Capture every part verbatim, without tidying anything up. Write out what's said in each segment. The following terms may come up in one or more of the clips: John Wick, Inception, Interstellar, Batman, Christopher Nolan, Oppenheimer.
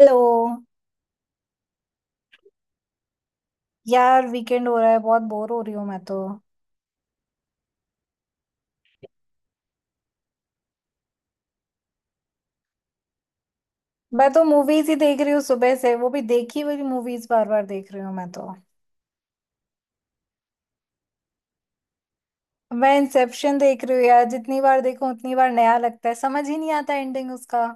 Hello. यार weekend हो रहा है, बहुत बोर हो रही हूँ मैं तो। मैं तो मूवीज ही देख रही हूँ सुबह से, वो भी देखी हुई मूवीज बार बार देख रही हूँ मैं तो। मैं इंसेप्शन देख रही हूँ यार, जितनी बार देखूं उतनी बार नया लगता है। समझ ही नहीं आता एंडिंग उसका।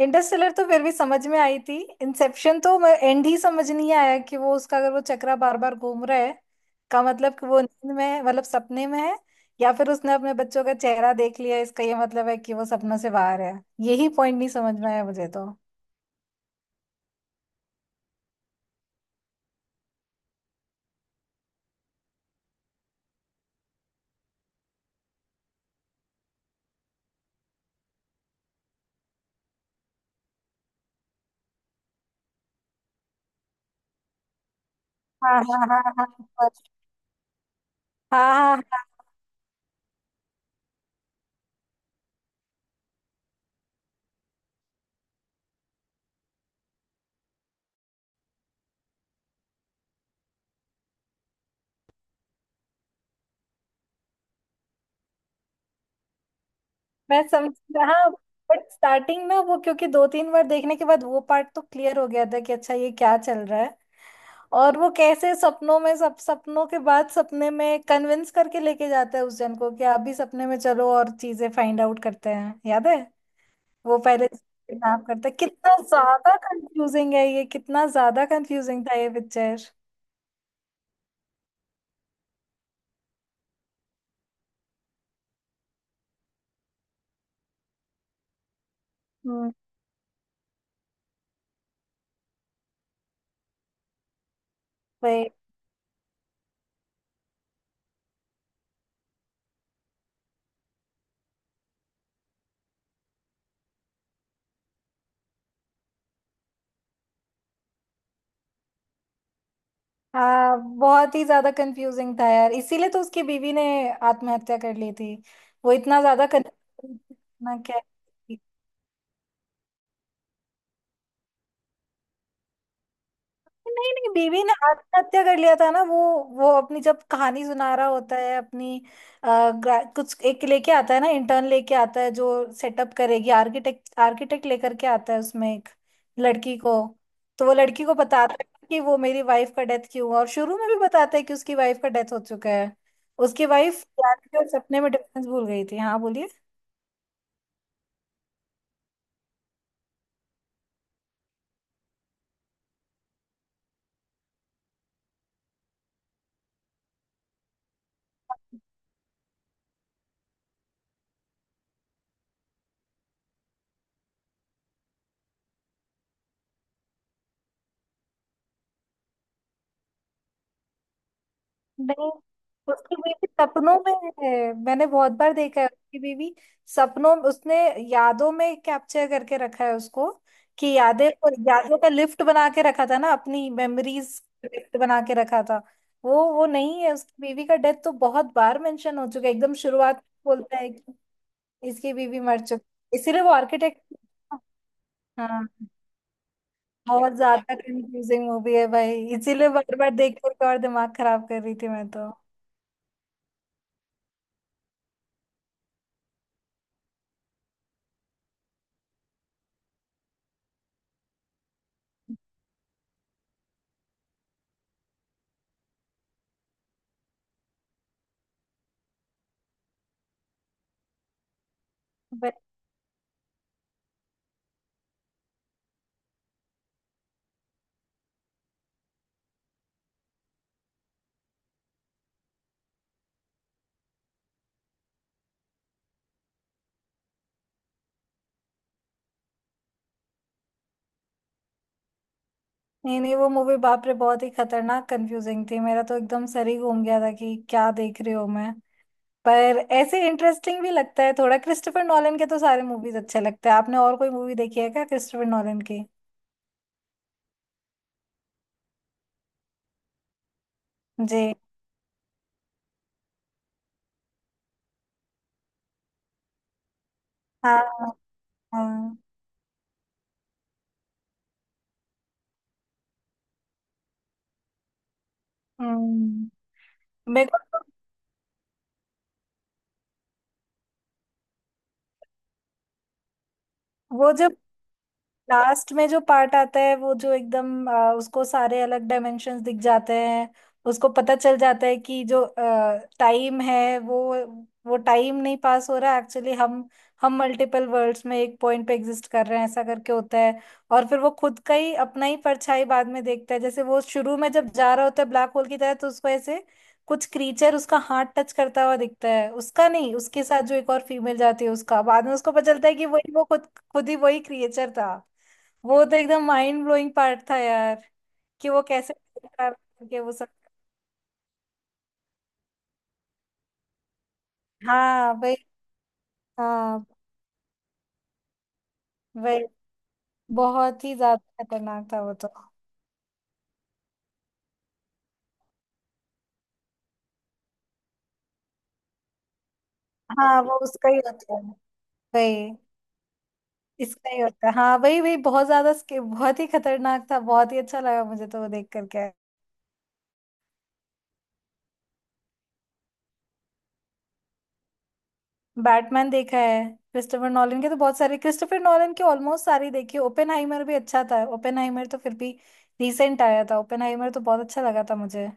इंटरस्टेलर तो फिर भी समझ में आई थी, इंसेप्शन तो एंड ही समझ नहीं आया कि वो उसका, अगर वो चक्रा बार बार घूम रहा है का मतलब कि वो नींद में है, मतलब सपने में है, या फिर उसने अपने बच्चों का चेहरा देख लिया इसका ये मतलब है कि वो सपनों से बाहर है। यही पॉइंट नहीं समझ में आया मुझे तो। हाँ, हाँ, हाँ, हाँ, हाँ। हाँ, हाँ, हाँ। मैं समझ। हाँ, बट स्टार्टिंग में वो, क्योंकि दो तीन बार देखने के बाद वो पार्ट तो क्लियर हो गया था कि अच्छा ये क्या चल रहा है, और वो कैसे सपनों में, सब सपनों के बाद सपने में कन्विंस करके लेके जाता है उस जन को कि आप भी सपने में चलो और चीजें फाइंड आउट करते हैं, याद है? वो पहले किडनैप करता है। कितना ज्यादा कंफ्यूजिंग है ये, कितना ज्यादा कंफ्यूजिंग था ये पिक्चर। हम्म। हाँ, बहुत ही ज्यादा कंफ्यूजिंग था यार, इसीलिए तो उसकी बीवी ने आत्महत्या कर ली थी। वो इतना ज्यादा कंफ्यूज। ना क्या। नहीं नहीं, बीवी ने आत्महत्या कर लिया था ना। वो वो अपनी जब कहानी सुना रहा होता है अपनी, अ, ग्रा- कुछ एक लेके आता है ना, इंटर्न लेके आता है जो सेटअप करेगी। आर्किटेक्ट, आर्किटेक्ट लेकर के आता है, उसमें एक लड़की को। तो वो लड़की को बताता है कि वो मेरी वाइफ का डेथ क्यों हुआ, और शुरू में भी बताता है कि उसकी वाइफ का डेथ हो चुका है। उसकी वाइफ सपने में डिफरेंस भूल गई थी। हाँ, बोलिए। नहीं, उसकी बीवी सपनों में है, मैंने बहुत बार देखा है। उसकी बीवी सपनों, उसने यादों में कैप्चर करके रखा है उसको, कि यादें, यादों का लिफ्ट बना के रखा था ना, अपनी मेमोरीज लिफ्ट बना के रखा था। वो वो नहीं है। उसकी बीवी का डेथ तो बहुत बार मेंशन हो चुका है। एकदम शुरुआत में बोलता है कि इसकी बीवी मर चुकी, इसीलिए वो आर्किटेक्ट। हाँ, बहुत ज्यादा कंफ्यूजिंग मूवी है भाई, इसीलिए बार बार देख करके और दिमाग खराब कर रही थी मैं तो। नहीं नहीं, वो मूवी बाप रे बहुत ही खतरनाक कंफ्यूजिंग थी। मेरा तो एकदम सर ही घूम गया था कि क्या देख रही हूँ मैं। पर ऐसे इंटरेस्टिंग भी लगता है थोड़ा। क्रिस्टोफर नॉलन के तो सारे मूवीज अच्छे लगते हैं। आपने और कोई मूवी देखी है क्या क्रिस्टोफर नॉलन की? जी। हाँ, हाँ। हाँ, हम्म। मेरे को तो वो जो लास्ट में जो पार्ट आता है, वो जो एकदम आ, उसको सारे अलग डायमेंशंस दिख जाते हैं। उसको पता चल जाता है कि जो टाइम है वो वो टाइम नहीं पास हो रहा एक्चुअली। हम हम मल्टीपल वर्ल्ड्स में एक पॉइंट पे एग्जिस्ट कर रहे हैं ऐसा करके होता है। और फिर वो खुद का ही, अपना ही परछाई बाद में देखता है। जैसे वो शुरू में जब जा रहा होता है ब्लैक होल की तरह, तो उसको ऐसे कुछ क्रीचर उसका हाथ टच करता हुआ दिखता है, उसका नहीं, उसके साथ जो एक और फीमेल जाती है उसका। बाद में उसको पता चलता है कि वही वो खुद, खुद ही वही क्रिएचर था। वो तो एकदम माइंड ब्लोइंग पार्ट था यार, कि वो कैसे के वो सब। हाँ भाई। हाँ भाई, बहुत ही ज्यादा खतरनाक था वो तो। हाँ, वो उसका ही होता है भाई, इसका ही होता है। हाँ भाई, भाई बहुत ज्यादा स्के-, बहुत ही खतरनाक था। बहुत ही अच्छा लगा मुझे तो वो देख करके। बैटमैन देखा है, क्रिस्टोफर नॉलन के तो बहुत सारे, क्रिस्टोफर नॉलन के ऑलमोस्ट सारे देखी। ओपेनहाइमर भी अच्छा था, ओपेनहाइमर तो फिर भी रिसेंट आया था। ओपेनहाइमर तो बहुत अच्छा लगा था मुझे।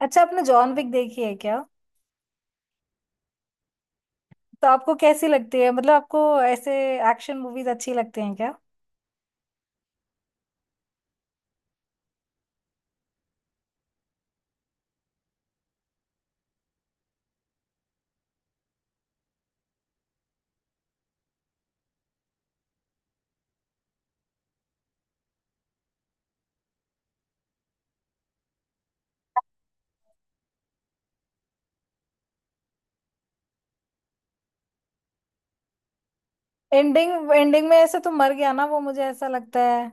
अच्छा, आपने जॉन विक देखी है क्या? तो आपको कैसी लगती है? मतलब आपको ऐसे एक्शन मूवीज अच्छी लगती हैं क्या? एंडिंग, एंडिंग में ऐसे तो मर गया ना वो, मुझे ऐसा लगता है।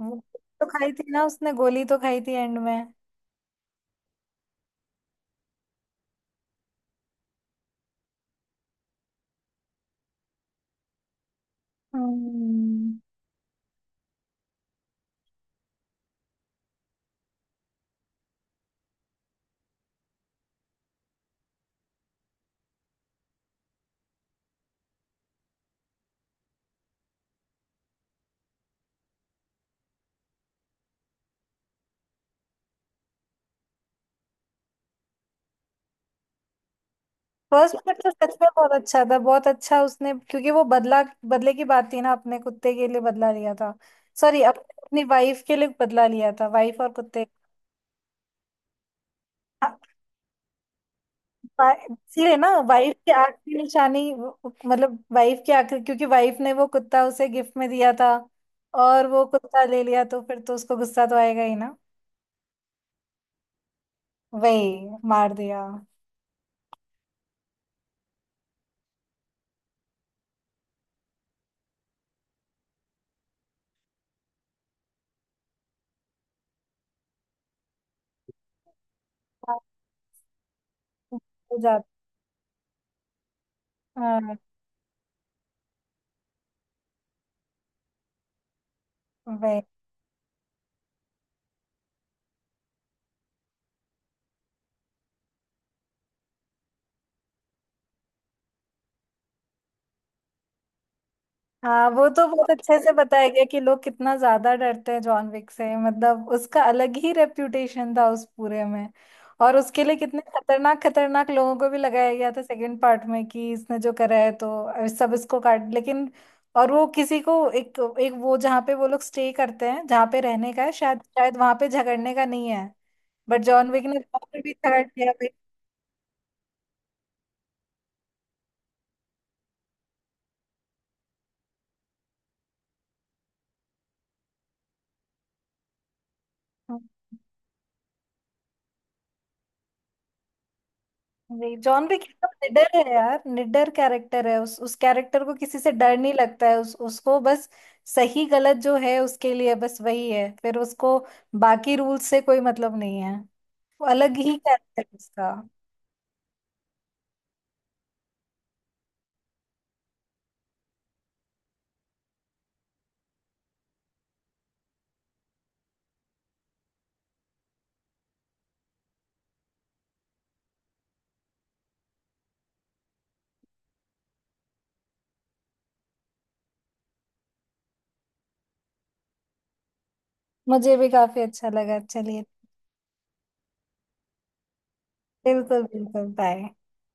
वो तो खाई थी ना, उसने गोली तो खाई थी एंड में। हम्म। फर्स्ट पार्ट तो सच में बहुत अच्छा था, बहुत अच्छा। उसने क्योंकि वो बदला, बदले की बात थी ना, अपने कुत्ते के लिए बदला लिया था। सॉरी, अपनी वाइफ के लिए बदला लिया था, वाइफ और कुत्ते। इसीलिए ना, वाइफ के आंख की आखिरी निशानी, मतलब वाइफ की आखिरी, क्योंकि वाइफ ने वो कुत्ता उसे गिफ्ट में दिया था। और वो कुत्ता ले लिया तो फिर तो उसको गुस्सा तो आएगा ही ना। वही मार दिया। हाँ, हो जाता। हाँ, वही। हाँ, वो तो बहुत अच्छे से बताया गया कि लोग कितना ज्यादा डरते हैं जॉन विक से। मतलब उसका अलग ही रेप्यूटेशन था उस पूरे में। और उसके लिए कितने खतरनाक खतरनाक लोगों को भी लगाया गया था सेकंड पार्ट में, कि इसने जो करा है तो सब इसको काट लेकिन और वो किसी को एक एक, वो जहाँ पे वो लोग स्टे करते हैं, जहाँ पे रहने का है, शायद शायद वहां पे झगड़ने का नहीं है। बट जॉन विक ने वहां पे भी झगड़ दिया भाई। वही जॉन भी कितना निडर है यार, निडर कैरेक्टर है। उस उस कैरेक्टर को किसी से डर नहीं लगता है। उस उसको बस सही गलत जो है उसके लिए बस वही है, फिर उसको बाकी रूल्स से कोई मतलब नहीं है। वो अलग ही कैरेक्टर उसका। मुझे भी काफी अच्छा लगा, चलिए। बिल्कुल बिल्कुल, बाय।